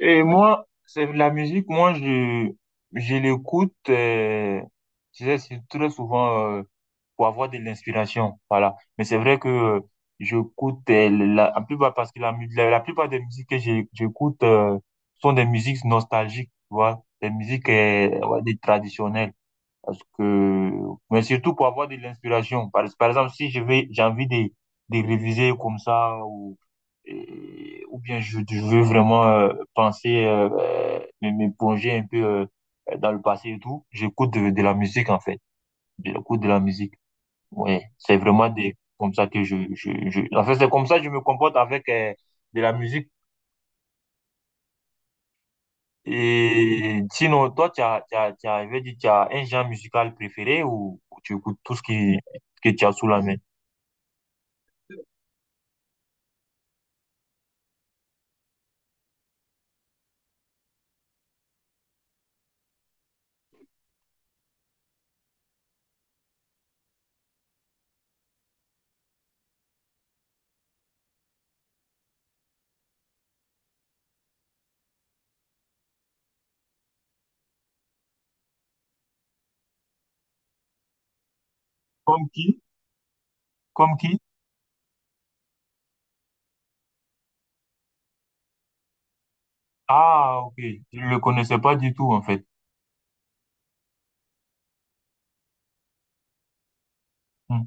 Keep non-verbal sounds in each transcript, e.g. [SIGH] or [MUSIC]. Et moi, c'est la musique, je l'écoute, je sais, c'est très souvent pour avoir de l'inspiration, voilà. Mais c'est vrai que j'écoute la plupart, parce que la plupart des musiques j'écoute sont des musiques nostalgiques, tu vois, des musiques ouais, des traditionnelles. Parce que, mais surtout pour avoir de l'inspiration. Par exemple, si je vais, j'ai envie de réviser comme ça, ou bien je veux vraiment penser, me plonger un peu dans le passé et tout, j'écoute de la musique en fait. J'écoute de la musique. Ouais, c'est vraiment des, comme ça je... En fait, c'est comme ça que je me comporte avec de la musique. Et sinon, toi, tu as, je vais dire, tu as un genre musical préféré ou tu écoutes tout ce qui, que tu as sous la main? Comme qui? Comme qui? Ah, ok. Je ne le connaissais pas du tout, en fait. Hmm.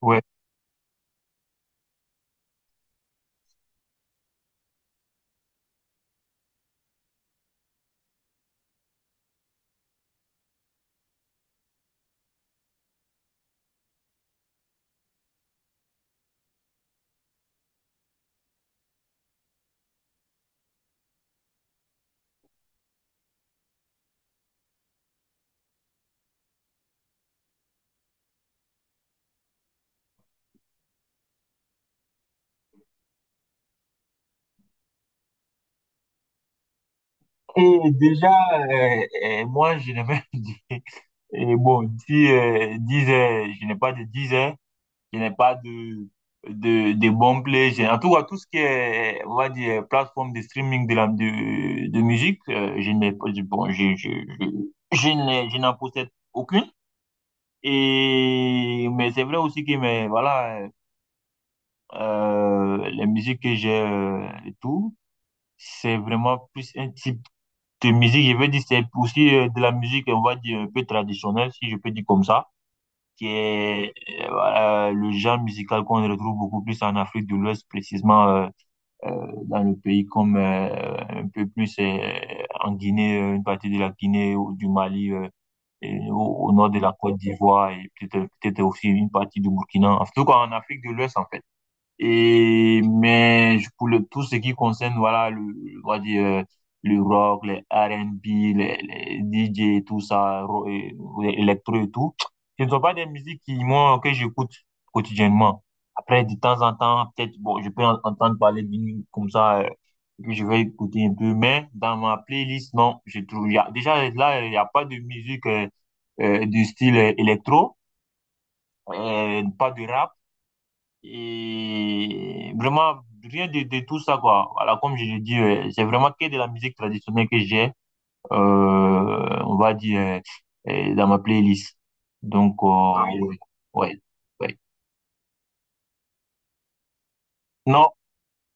Ouais. Et déjà, moi, je n'ai même [LAUGHS] dit, et bon, si, 10 heures, je n'ai pas de 10 heures, je n'ai pas de bons plays. J'ai- En tout cas, tout ce qui est, on va dire, plateforme de streaming de musique, je n'ai pas, je- bon, je n'ai- je n'en possède aucune. Et, mais c'est vrai aussi que, mais voilà, les musiques que j'ai et tout, c'est vraiment plus un type de musique. Je veux dire, c'est aussi de la musique, on va dire, un peu traditionnelle, si je peux dire comme ça. Qui est voilà, le genre musical qu'on retrouve beaucoup plus en Afrique de l'Ouest, précisément dans le pays comme un peu plus en Guinée, une partie de la Guinée ou du Mali. Et au nord de la Côte d'Ivoire et peut-être aussi une partie du Burkina, en tout cas en Afrique de l'Ouest en fait. Et, mais je- pour le, tout ce qui concerne, voilà, le, on va dire, le rock, les R and B, les D J tout ça, électro et tout, ce ne sont pas des musiques qui, moi, que j'écoute quotidiennement. Après, de temps en temps, peut-être, bon, je peux entendre parler d'une, comme ça, que je vais écouter un peu, mais dans ma playlist, non, je trouve, il y a, déjà, là, il n'y a pas de musique du style électro, pas de rap, et vraiment, rien de tout ça, quoi. Voilà, comme je l'ai dit, c'est vraiment que de la musique traditionnelle que j'ai, on va dire, dans ma playlist. Donc, ah oui. Ouais. Non,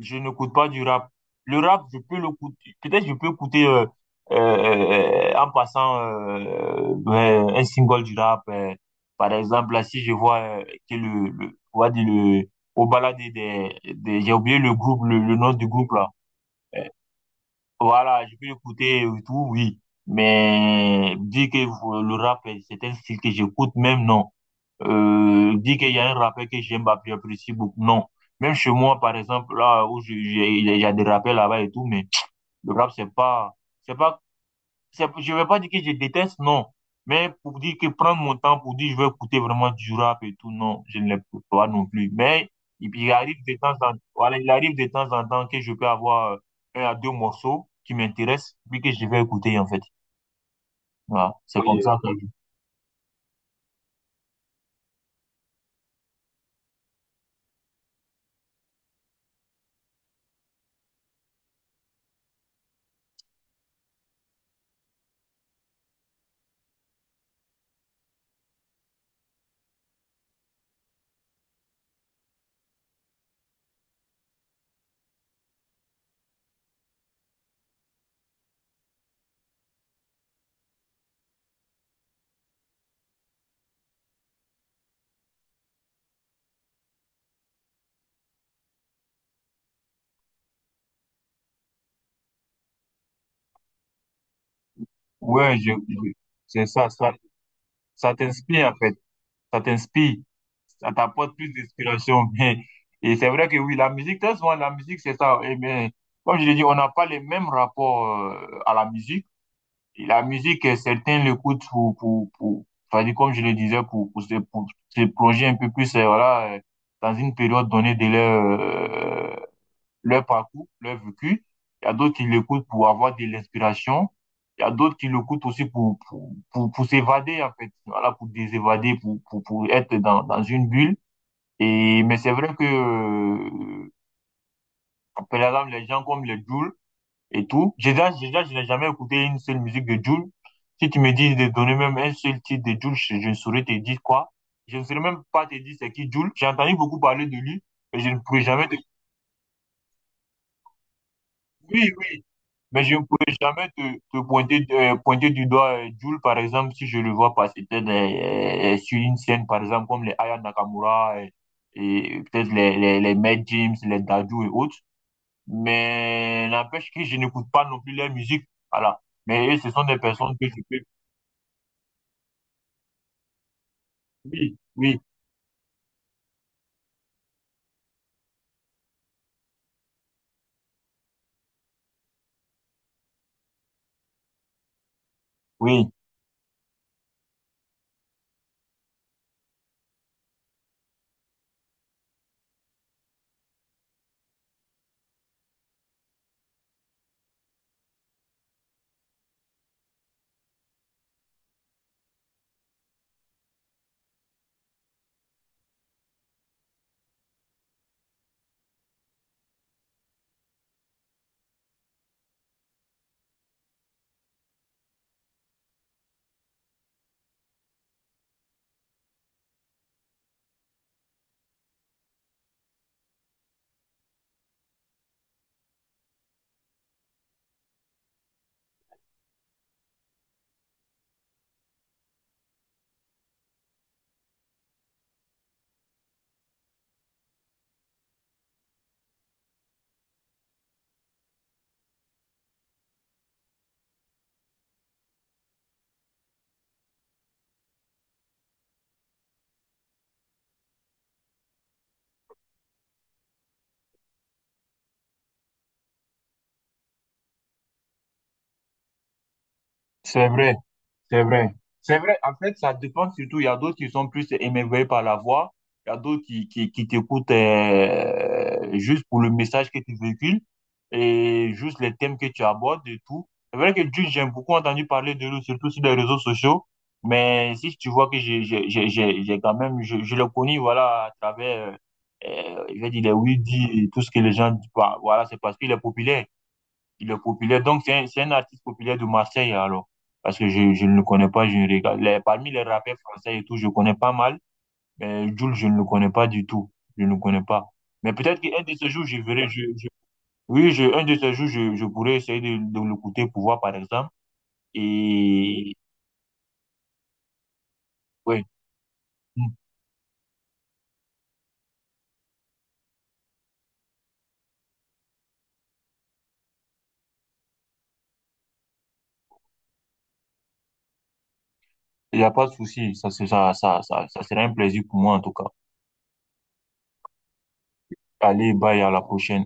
je n'écoute pas du rap. Le rap, je peux l'écouter. Peut-être je peux écouter en passant ben, un single du rap. Par exemple, là, si je vois que on va dire le, au balade des, j'ai oublié le groupe, le nom du groupe là. Euh, voilà, je peux l'écouter et tout, oui. Mais dire que le rap, c'est un style que j'écoute, même non dire qu'il y a un rappel que j'aime, bah, que j'apprécie beaucoup. Non. Même chez moi, par exemple, là où je- j'ai- il y a des rappels là-bas et tout, mais le rap, c'est pas, c'est- je vais pas dire que je déteste, non. Mais pour dire que prendre mon temps pour dire je veux écouter vraiment du rap et tout, non, je ne l'écoute pas non plus. Mais il arrive de temps en, voilà, il arrive de temps en temps que je peux avoir un à deux morceaux qui m'intéressent, puis que je vais écouter, en fait. Voilà. C'est oui, comme ça que, ouais, c'est ça, ça t'inspire, en fait. Ça t'inspire, ça t'apporte plus d'inspiration. [LAUGHS] Et c'est vrai que oui, la musique, très souvent, la musique, c'est ça. Et bien, comme je l'ai dit, on n'a pas les mêmes rapports à la musique. Et la musique, certains l'écoutent pour, enfin, comme je le disais, pour se plonger un peu plus, voilà, dans une période donnée de leur, leur parcours, leur vécu. Il y a d'autres qui l'écoutent pour avoir de l'inspiration. Il y a d'autres qui l'écoutent aussi pour s'évader, en fait. Voilà, pour désévader, pour être dans, dans une bulle. Et, mais c'est vrai que, par exemple, les gens comme les Jules et tout, j'ai déjà, je n'ai jamais écouté une seule musique de Jules. Si tu me dis de donner même un seul titre de Jules, je ne saurais te dire quoi. Je ne saurais même pas te dire c'est qui Jules. J'ai entendu beaucoup parler de lui, mais je ne pourrais jamais te... dire. Oui, oui, mais je ne pourrais jamais te pointer, pointer du doigt Jul, par exemple, si je le vois passer peut-être sur une scène, par exemple, comme les Aya Nakamura et, peut-être les Mad James, les Dadju et autres. Mais n'empêche que je n'écoute pas non plus leur musique. Voilà. Mais eux, ce sont des personnes que je peux... Oui, oui, oui, c'est vrai. C'est vrai. C'est vrai. En fait, ça dépend surtout. Il y a d'autres qui sont plus émerveillés par la voix. Il y a d'autres qui t'écoutent juste pour le message que tu véhicules et juste les thèmes que tu abordes et tout. C'est vrai que Jules, j'ai beaucoup entendu parler de lui, surtout sur les réseaux sociaux. Mais si tu vois que j'ai quand même, je le connais, voilà, à travers, je vais dire, les oui et tout ce que les gens disent. Bah, voilà, c'est parce qu'il est populaire. Il est populaire. Donc, c'est un artiste populaire de Marseille, alors. Parce que je ne le connais pas, je ne regarde. Les- parmi les rappeurs français et tout, je connais pas mal. Mais Jul, je ne le connais pas du tout. Je ne le connais pas. Mais peut-être qu'un de ces jours, je verrai. Oui, un de ces jours, je pourrais essayer de l'écouter pour voir, par exemple. Et ouais, hmm, il n'y a pas de souci. Ça, ça sera un plaisir pour moi, en tout cas. Allez, bye, à la prochaine.